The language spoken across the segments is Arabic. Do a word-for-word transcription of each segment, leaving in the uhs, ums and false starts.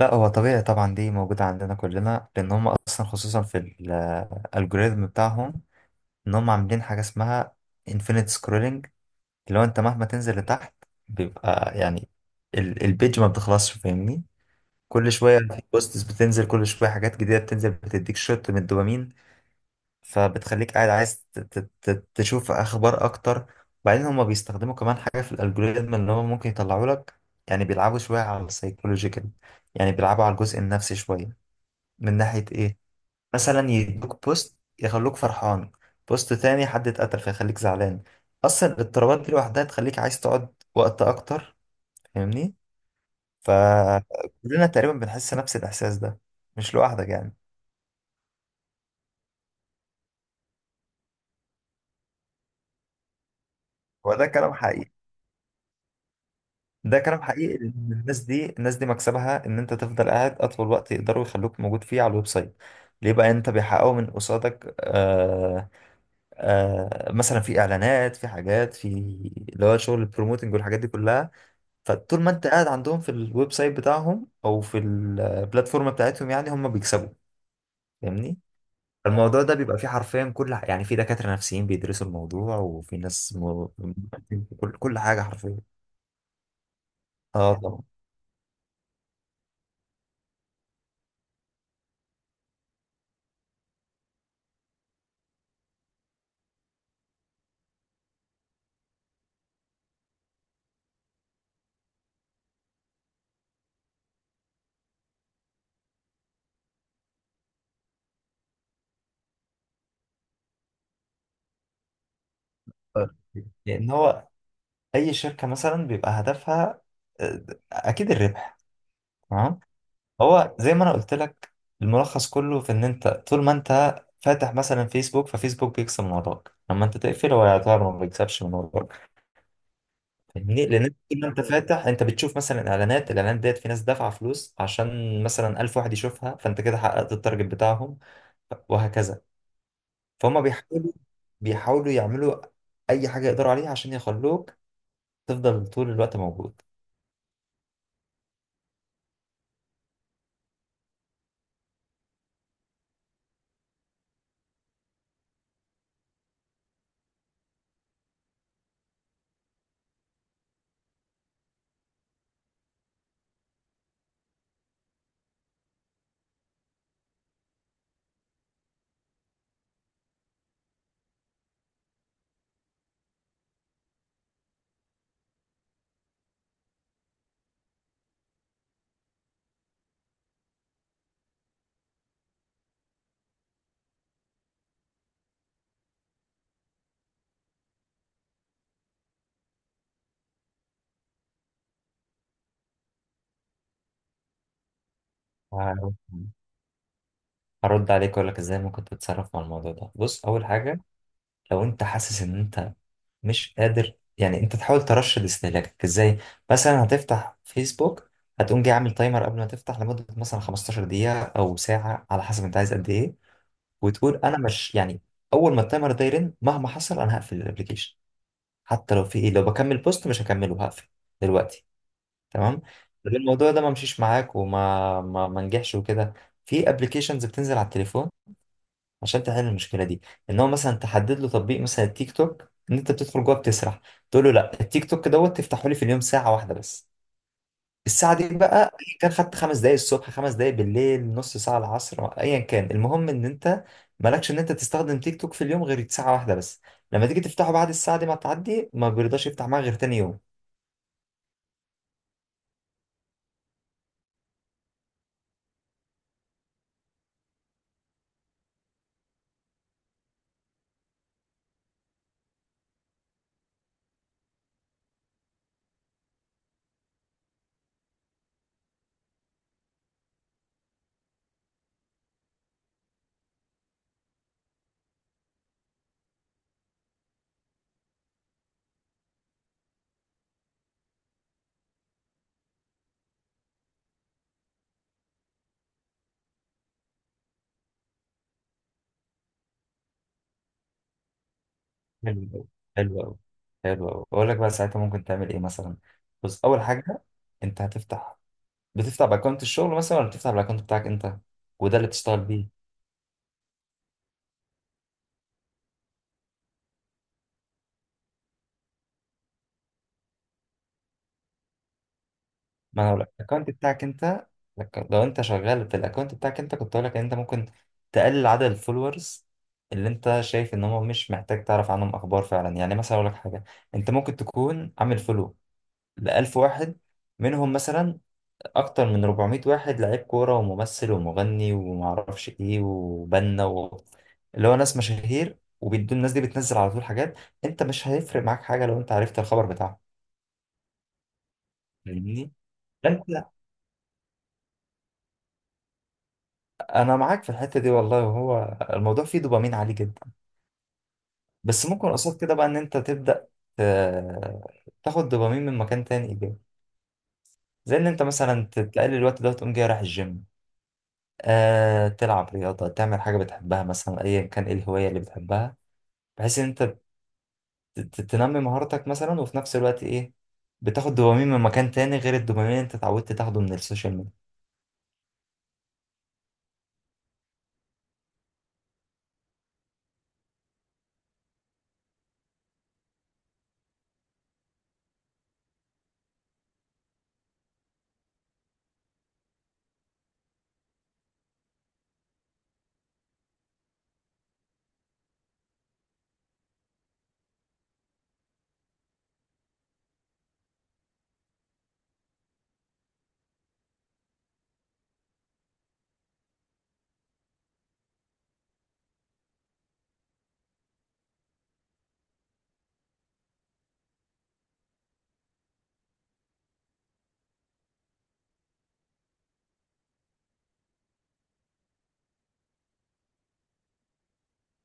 لا، هو طبيعي طبعا. دي موجودة عندنا كلنا، لأن هم أصلا خصوصا في الألجوريزم بتاعهم، إن هم عاملين حاجة اسمها infinite scrolling اللي هو أنت مهما تنزل لتحت بيبقى يعني ال- البيج ما بتخلصش، فاهمني؟ كل شوية في بوستس بتنزل، كل شوية حاجات جديدة بتنزل، بتديك شوت من الدوبامين، فبتخليك قاعد عايز ت- ت- ت- تشوف أخبار أكتر. وبعدين هم بيستخدموا كمان حاجة في الألجوريزم اللي هم ممكن يطلعوا لك، يعني بيلعبوا شوية على السايكولوجي كده، يعني بيلعبوا على الجزء النفسي شوية. من ناحية إيه؟ مثلا يدوك بوست يخلوك فرحان، بوست تاني حد اتقتل فيخليك زعلان. أصلا الاضطرابات دي لوحدها تخليك عايز تقعد وقت أكتر، فاهمني؟ فكلنا تقريبا بنحس نفس الإحساس ده، مش لوحدك يعني. هو ده كلام حقيقي. ده كلام حقيقي، لأن الناس دي، الناس دي مكسبها إن أنت تفضل قاعد أطول وقت، يقدروا يخلوك موجود فيه على الويب سايت. ليه بقى؟ أنت بيحققوا من قصادك. آه، آه، مثلا في إعلانات، في حاجات، في اللي هو شغل البروموتنج والحاجات دي كلها. فطول ما انت قاعد عندهم في الويب سايت بتاعهم او في البلاتفورم بتاعتهم يعني هم بيكسبوا، فاهمني. الموضوع ده بيبقى فيه حرفيا كل ح- يعني في دكاترة نفسيين بيدرسوا الموضوع، وفي ناس م... كل كل حاجة حرفيا. اه طبعا. لان هو اي شركة مثلا بيبقى هدفها، آه، اكيد الربح. تمام. هو زي ما انا قلت لك، الملخص كله في ان انت طول ما انت فاتح مثلا فيسبوك، ففيسبوك بيكسب من وراك. لما انت تقفل هو يعتبر ما بيكسبش من وراك، فاهمني. لان انت طول ما انت فاتح انت بتشوف مثلا اعلانات، الاعلانات ديت في ناس دافعه فلوس عشان مثلا ألف واحد يشوفها، فانت كده حققت التارجت بتاعهم، وهكذا. فهم بيحاولوا، بيحاولوا يعملوا اي حاجه يقدروا عليها عشان يخلوك تفضل طول الوقت موجود. هرد عليك واقول لك ازاي ممكن تتصرف مع الموضوع ده. بص، اول حاجه لو انت حاسس ان انت مش قادر يعني، انت تحاول ترشد استهلاكك ازاي؟ مثلا هتفتح فيسبوك، هتقوم جاي عامل تايمر قبل ما تفتح لمدة مثلا خمسة عشر دقيقة او ساعة على حسب انت عايز قد ايه، وتقول انا مش يعني، اول ما التايمر ده يرن مهما حصل انا هقفل الابليكيشن. حتى لو في ايه، لو بكمل بوست مش هكمله، هقفل دلوقتي. تمام. لو الموضوع ده ما مشيش معاك وما ما ما نجحش وكده، في ابلكيشنز بتنزل على التليفون عشان تحل المشكله دي. ان هو مثلا تحدد له تطبيق، مثلا التيك توك ان انت بتدخل جوه بتسرح، تقول له لا، التيك توك دوت تفتحه لي في اليوم ساعه واحده بس. الساعه دي بقى أيا كان، خدت خمس دقايق الصبح، خمس دقايق بالليل، نص ساعه العصر، ايا كان، المهم ان انت مالكش ان انت تستخدم تيك توك في اليوم غير ساعه واحده بس. لما تيجي تفتحه بعد الساعه دي ما تعدي، ما بيرضاش يفتح معاك غير تاني يوم. حلو أوي، حلو أوي، حلو أوي. أقول لك بقى ساعتها ممكن تعمل إيه مثلا. بص، أول حاجة أنت هتفتح، بتفتح باكونت الشغل مثلا ولا بتفتح بالاكونت بتاعك انت، وده اللي بتشتغل بيه. ما انا لو الاكونت بتاعك انت، لك- لو انت شغال بالاكونت بتاعك انت، كنت اقول لك ان انت ممكن تقلل عدد الفولورز اللي انت شايف ان هم مش محتاج تعرف عنهم اخبار فعلا. يعني مثلا اقول لك حاجه، انت ممكن تكون عامل فولو ل ألف واحد، منهم مثلا اكتر من أربعمائة واحد لعيب كوره وممثل ومغني ومعرفش ايه وبنا و... اللي هو ناس مشاهير، وبيدوا الناس دي بتنزل على طول حاجات. انت مش هيفرق معاك حاجه لو انت عرفت الخبر بتاعها، فاهمني. انت انا معاك في الحته دي والله، هو الموضوع فيه دوبامين عالي جدا. بس ممكن قصاد كده بقى ان انت تبدا ت- تاخد دوبامين من مكان تاني ايجابي، زي ان انت مثلا تقلل الوقت ده وتقوم جاي رايح الجيم، آه، تلعب رياضه، تعمل حاجه بتحبها، مثلا ايا كان ايه الهوايه اللي بتحبها، بحيث ان انت ت- تنمي مهارتك مثلا، وفي نفس الوقت ايه، بتاخد دوبامين من مكان تاني غير الدوبامين اللي انت اتعودت تاخده من السوشيال ميديا.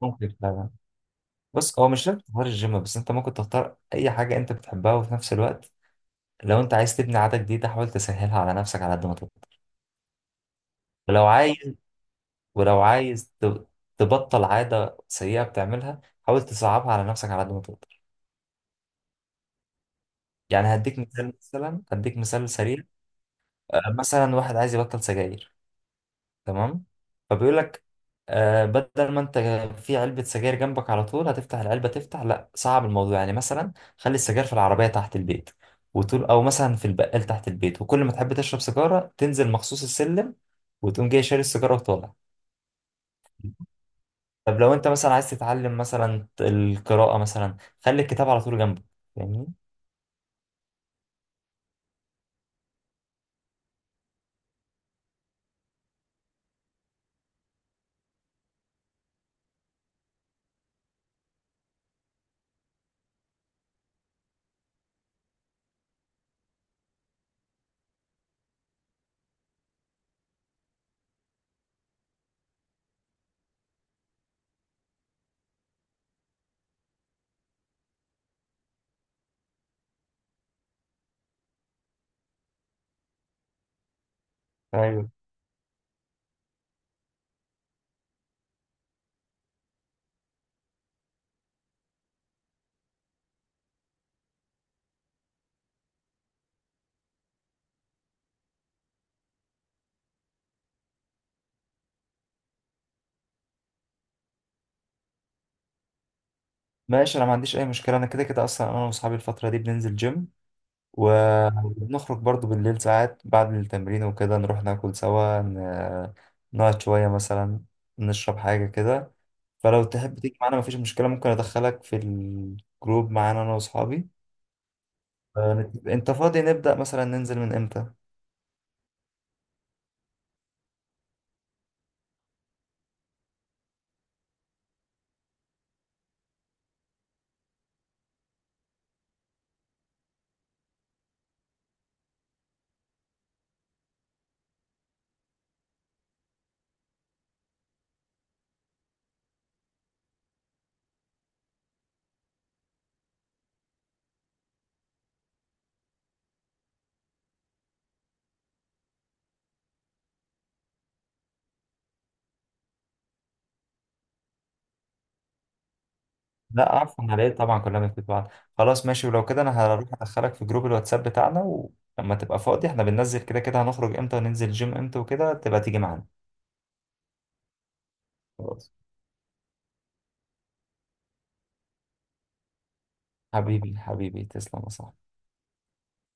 ممكن فعلا. بص هو مش لازم تختار الجيم بس، انت ممكن تختار اي حاجة انت بتحبها، وفي نفس الوقت لو انت عايز تبني عادة جديدة حاول تسهلها على نفسك على قد ما تقدر. ولو عايز ولو عايز ت- تبطل عادة سيئة بتعملها، حاول تصعبها على نفسك على قد ما تقدر. يعني هديك مثال، مثلا هديك مثال سريع. آه، مثلا واحد عايز يبطل سجاير، تمام؟ فبيقول لك آه، بدل ما انت في علبة سجاير جنبك على طول هتفتح العلبة، تفتح، لا، صعب الموضوع. يعني مثلا خلي السجاير في العربية تحت البيت، وتقول او مثلا في البقال تحت البيت، وكل ما تحب تشرب سيجارة تنزل مخصوص السلم وتقوم جاي شاري السيجارة وطالع. طب لو انت مثلا عايز تتعلم مثلا القراءة مثلا، خلي الكتاب على طول جنبك، فاهمني. ايوه، ماشي. انا ما عنديش اي مشكلة، انا كده كده اصلا انا واصحابي الفترة دي بننزل جيم، ونخرج برضو بالليل ساعات بعد التمرين وكده، نروح ناكل سوا، ن- نقعد شوية مثلا، نشرب حاجة كده. فلو تحب تيجي معانا مفيش مشكلة، ممكن أدخلك في الجروب معانا أنا وأصحابي. آه، أنت فاضي نبدأ مثلا ننزل من إمتى؟ لا، عفوا، على إيه؟ طبعا كلنا في بعض. خلاص، ماشي، ولو كده أنا هروح أدخلك في جروب الواتساب بتاعنا، ولما تبقى فاضي إحنا بننزل كده كده، هنخرج إمتى وننزل جيم إمتى وكده تبقى تيجي معانا. خلاص. حبيبي، حبيبي، تسلم يا صاحبي.